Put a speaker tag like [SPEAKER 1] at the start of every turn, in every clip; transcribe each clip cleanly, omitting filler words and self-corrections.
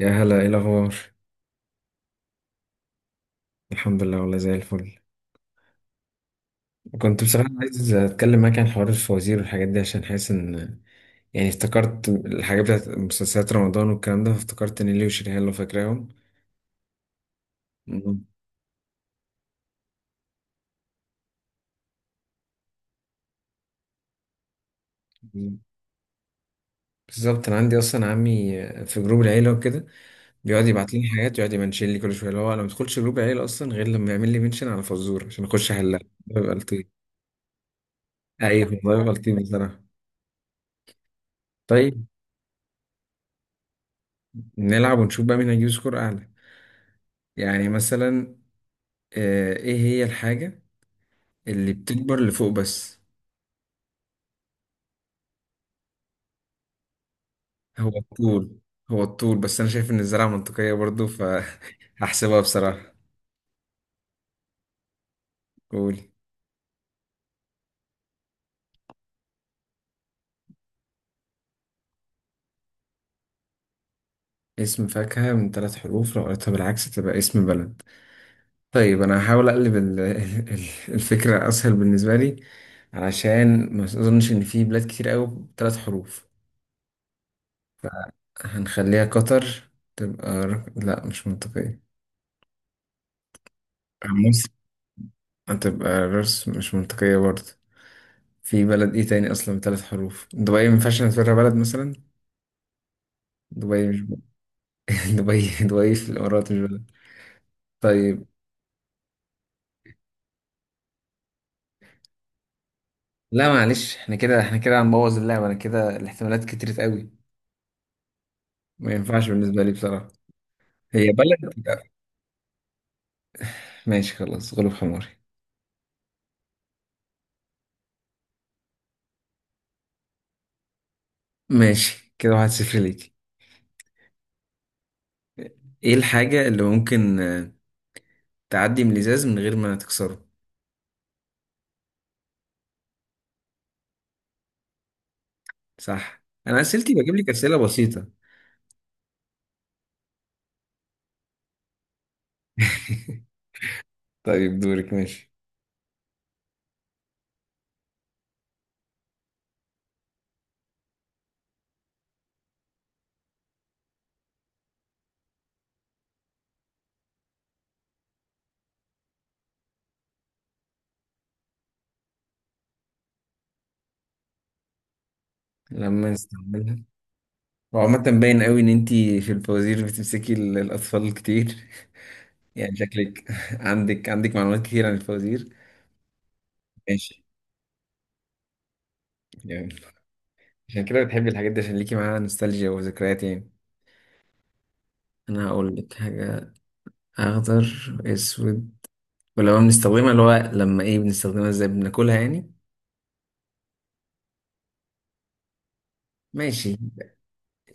[SPEAKER 1] يا هلا، ايه الاخبار؟ الحمد لله والله زي الفل. كنت بصراحه الحمد لله عايز اتكلم معاك عن حوار الفوازير والحاجات دي عشان حاسس ان يعني افتكرت الحاجات بتاعت مسلسلات رمضان والكلام ده، فافتكرت نيلي وشريهان لو فاكراهم. مم. بالظبط، انا عندي اصلا عمي في جروب العيله وكده بيقعد يبعت لي حاجات، يقعد يمنشن لي كل شويه. اللي هو انا ما بدخلش جروب العيله اصلا غير لما يعمل لي منشن على فزوره عشان اخش احلها. بيبقى لطيف. ايوه والله بيبقى لطيف بصراحه. طيب نلعب ونشوف بقى مين هيجيب سكور اعلى. يعني مثلا ايه هي الحاجة اللي بتكبر لفوق بس؟ هو الطول. هو الطول، بس انا شايف ان الزراعة منطقية برضو فهحسبها بصراحة. قول. اسم فاكهة من ثلاث حروف لو قريتها بالعكس تبقى اسم بلد. طيب انا هحاول اقلب الفكرة اسهل بالنسبة لي، علشان ما اظنش ان في بلاد كتير قوي بثلاث حروف. هنخليها قطر، تبقى لا مش منطقية. مصر هتبقى راس، مش منطقية برضه. في بلد ايه تاني اصلا بثلاث حروف؟ دبي ما ينفعش نعتبرها بلد مثلا. دبي مش ب- دبي، دبي في الامارات مش بلد. طيب لا معلش، احنا كده، احنا كده هنبوظ اللعبه. انا كده الاحتمالات كترت قوي، ما ينفعش بالنسبه لي بصراحه. هي بلد، لا. ماشي خلاص غلب حماري. ماشي، كده واحد صفر ليكي. ايه الحاجه اللي ممكن تعدي من الازاز من غير ما تكسره؟ صح. انا اسئلتي بجيب لك اسئله بسيطه. طيب دورك. ماشي. لما نستعملها. وعامة باين قوي ان انتي في الفوازير بتمسكي الاطفال كتير يعني شكلك عندك معلومات كتير عن الفوازير. ماشي. يعني عشان كده بتحبي الحاجات دي، عشان ليكي معاها نوستالجيا وذكريات يعني. انا هقول لك حاجة: اخضر، اسود، ولو بنستخدمها، اللي هو لما ايه بنستخدمها ازاي، بناكلها يعني؟ ماشي.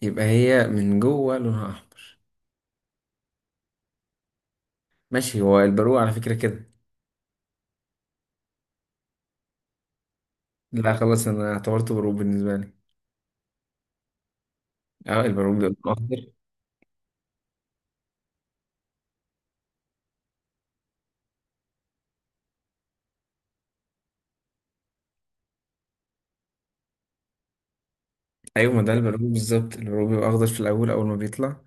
[SPEAKER 1] يبقى هي من جوه لونها احمر. ماشي، هو البرقوق على فكرة كده. لا خلاص، انا اعتبرته برقوق بالنسبة لي. اه البرقوق ده لونه اخضر. ايوه ما ده البرغوث بالظبط. البرغوث بيبقى اخضر في الاول، اول ما بيطلع،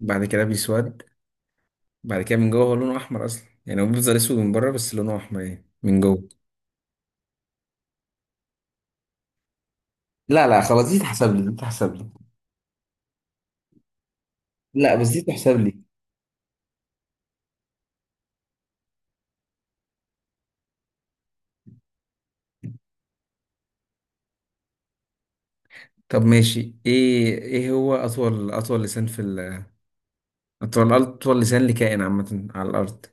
[SPEAKER 1] بعد كده بيسود. بعد كده من جوه هو لونه احمر اصلا، يعني هو بيفضل اسود من بره بس لونه احمر يعني من جوه. لا خلاص، دي تحسب لي. لا بس دي تحسب لي. طب ماشي. ايه هو اطول لسان في اطول لسان لكائن عامة على الارض.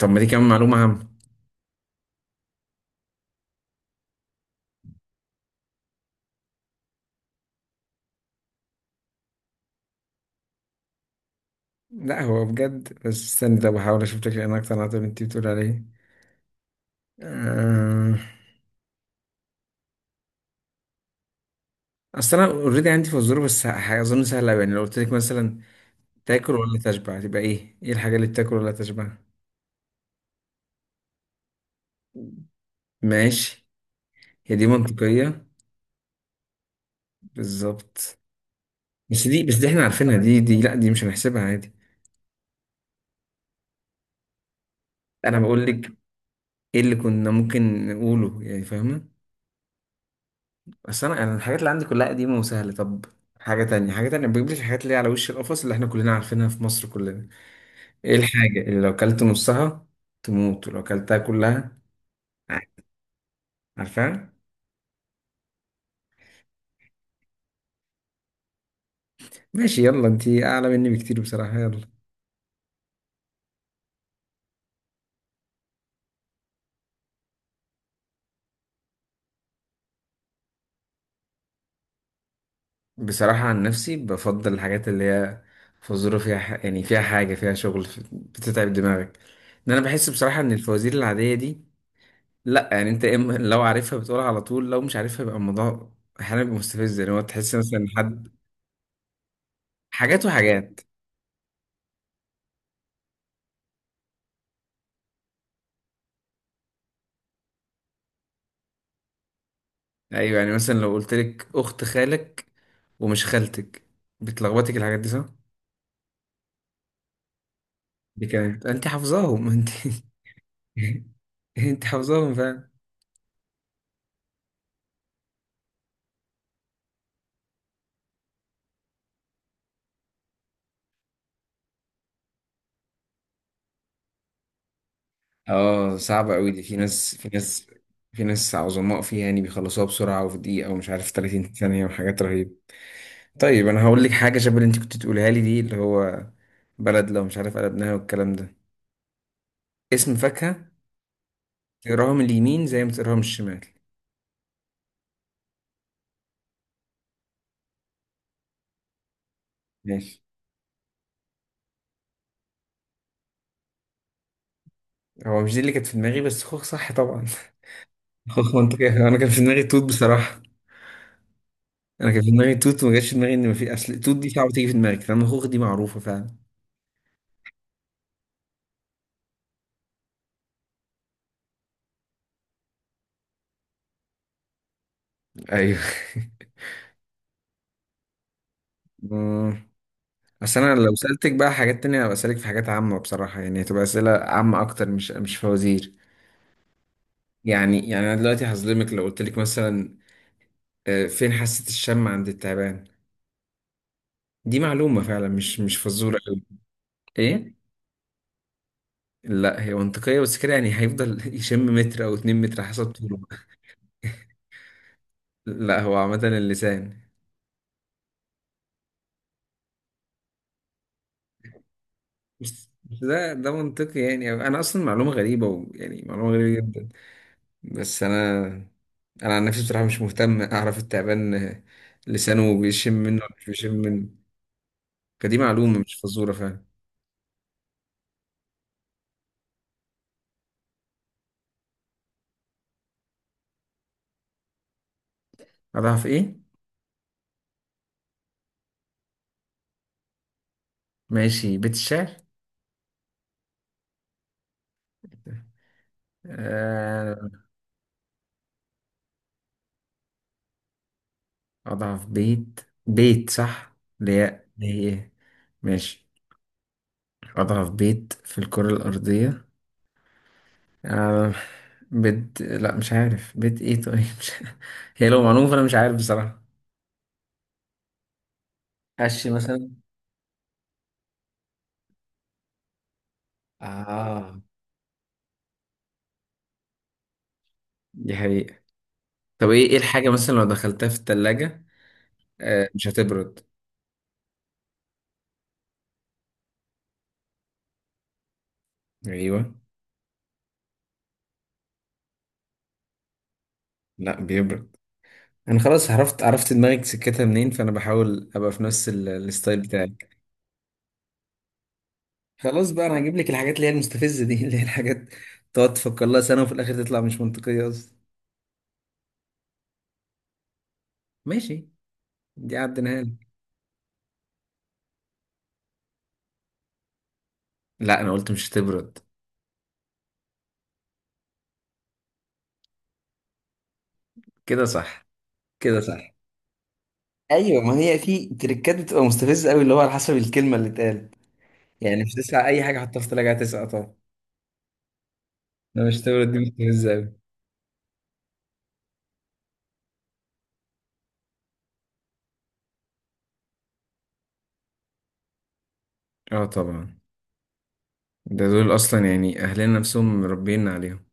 [SPEAKER 1] طب ما دي كمان معلومة عامة. لا هو بجد، بس استني. طب بحاول اشوف لك لان اكتر عن اللي انت بتقول عليه. آه... اصل انا اوريدي عندي فزوره، بس اظن سهله أوي. يعني لو قلت لك مثلا تاكل ولا تشبع، تبقى ايه؟ ايه الحاجة اللي بتاكل ولا تشبع؟ ماشي. هي دي منطقية. بالظبط. بس دي احنا عارفينها، دي لا دي مش هنحسبها عادي. انا بقول لك ايه اللي كنا ممكن نقوله يعني، فاهمة؟ بس انا الحاجات اللي عندي كلها قديمة وسهلة. طب حاجة تانية، حاجة تانية بجيب لك. الحاجات اللي هي على وش القفص اللي احنا كلنا عارفينها في مصر كلنا. ايه الحاجة اللي لو كلت نصها تموت، ولو كلتها كلها عادي؟ عارفاها. ماشي يلا، انتي اعلى مني بكتير بصراحة. يلا بصراحة عن نفسي بفضل الحاجات اللي هي فزورة فيها يعني فيها حاجة فيها شغل، بتتعب دماغك. ان انا بحس بصراحة ان الفوازير العادية دي، لا يعني انت إما لو عارفها بتقولها على طول، لو مش عارفها يبقى الموضوع احيانا بيبقى مستفز يعني، هو تحس مثلا حد. حاجات وحاجات. ايوه يعني مثلا لو قلت لك اخت خالك ومش خالتك، بتلخبطك الحاجات دي صح؟ دي كانت انت حافظاهم انت. انت حافظاهم. اه صعبة قوي دي. في ناس عظماء فيها يعني بيخلصوها بسرعة، وفي دقيقة ومش عارف 30 ثانية وحاجات رهيبة. طيب أنا هقول لك حاجة شبه اللي أنت كنت تقولها لي دي، اللي هو بلد لو مش عارف قلبناها والكلام ده. اسم فاكهة تقراها من اليمين زي ما تقراها من الشمال. ماشي. هو مش دي اللي كانت في دماغي، بس خوخ صح طبعا خوخ منطقي، أنا كان في دماغي توت بصراحة. أنا كان في دماغي توت وما جاش في دماغي إن ما في أصل توت دي صعبة تيجي في دماغك، فاهم؟ خوخ دي معروفة فعلا. أيوه. بس انا لو سألتك بقى حاجات تانية هبقى أسألك في حاجات عامة بصراحة، يعني هتبقى أسئلة عامة اكتر، مش فوازير. يعني، يعني انا دلوقتي هظلمك لو قلت لك مثلا فين حاسة الشم عند التعبان؟ دي معلومة فعلا، مش فزورة قوي. ايه؟ لا هي منطقية بس كده يعني، هيفضل يشم متر او اتنين متر حسب طوله. لا هو عامة اللسان. بس ده منطقي يعني، انا اصلا معلومة غريبة ويعني معلومة غريبة جدا. بس انا، انا عن نفسي بصراحه مش مهتم اعرف التعبان لسانه بيشم منه ولا مش بيشم منه. فدي معلومه مش فزوره فعلا. اضعف ايه؟ ماشي، بيت الشعر. آه، اضعف بيت. بيت صح، ليه؟ ماشي، اضعف بيت في الكره الارضيه. آه، بيت، لا مش عارف بيت ايه، طيب مش... هي لو معلومه فانا مش عارف بصراحه. قش مثلا. اه دي حقيقة. طب ايه الحاجة مثلا لو دخلتها في التلاجة آه مش هتبرد؟ ايوه. لا بيبرد. انا خلاص عرفت، عرفت دماغك سكتها منين، فانا بحاول ابقى في نفس الستايل بتاعك. خلاص بقى انا هجيب لك الحاجات اللي هي المستفزة دي اللي هي الحاجات تقعد تفكر لها سنة وفي الاخر تطلع مش منطقية اصلا. ماشي دي عدناها لك. لا انا قلت مش هتبرد. كده صح. كده صح. ايوه ما هي في تريكات بتبقى مستفزه قوي، اللي هو على حسب الكلمه اللي اتقالت. يعني مش تسقع، اي حاجة حطها في التلاجة هتسقع طبعا. لا مش هتبرد، دي مستفزة اوي. اه طبعا، ده دول اصلا يعني اهلنا نفسهم مربينا عليهم.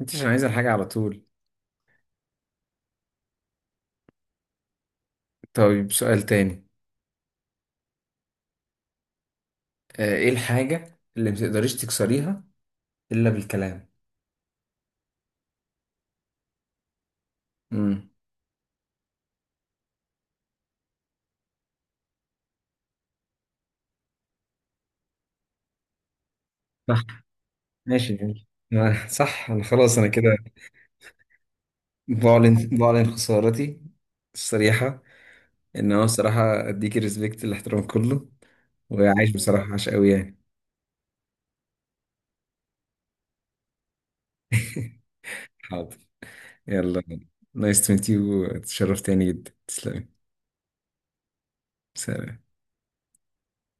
[SPEAKER 1] انت عشان عايزه الحاجه على طول. طيب سؤال تاني. ايه الحاجه اللي متقدريش تكسريها الا بالكلام؟ امم، صح. ماشي ماشي، صح، انا خلاص انا كده بعلن، بعلن خسارتي الصريحه. ان انا بصراحه اديكي ريسبكت، الاحترام كله، وعايش بصراحه، عاش قوي يعني. حاضر. يلا نايس تو ميت يو، اتشرفت تاني جدا، تسلمي. سلام.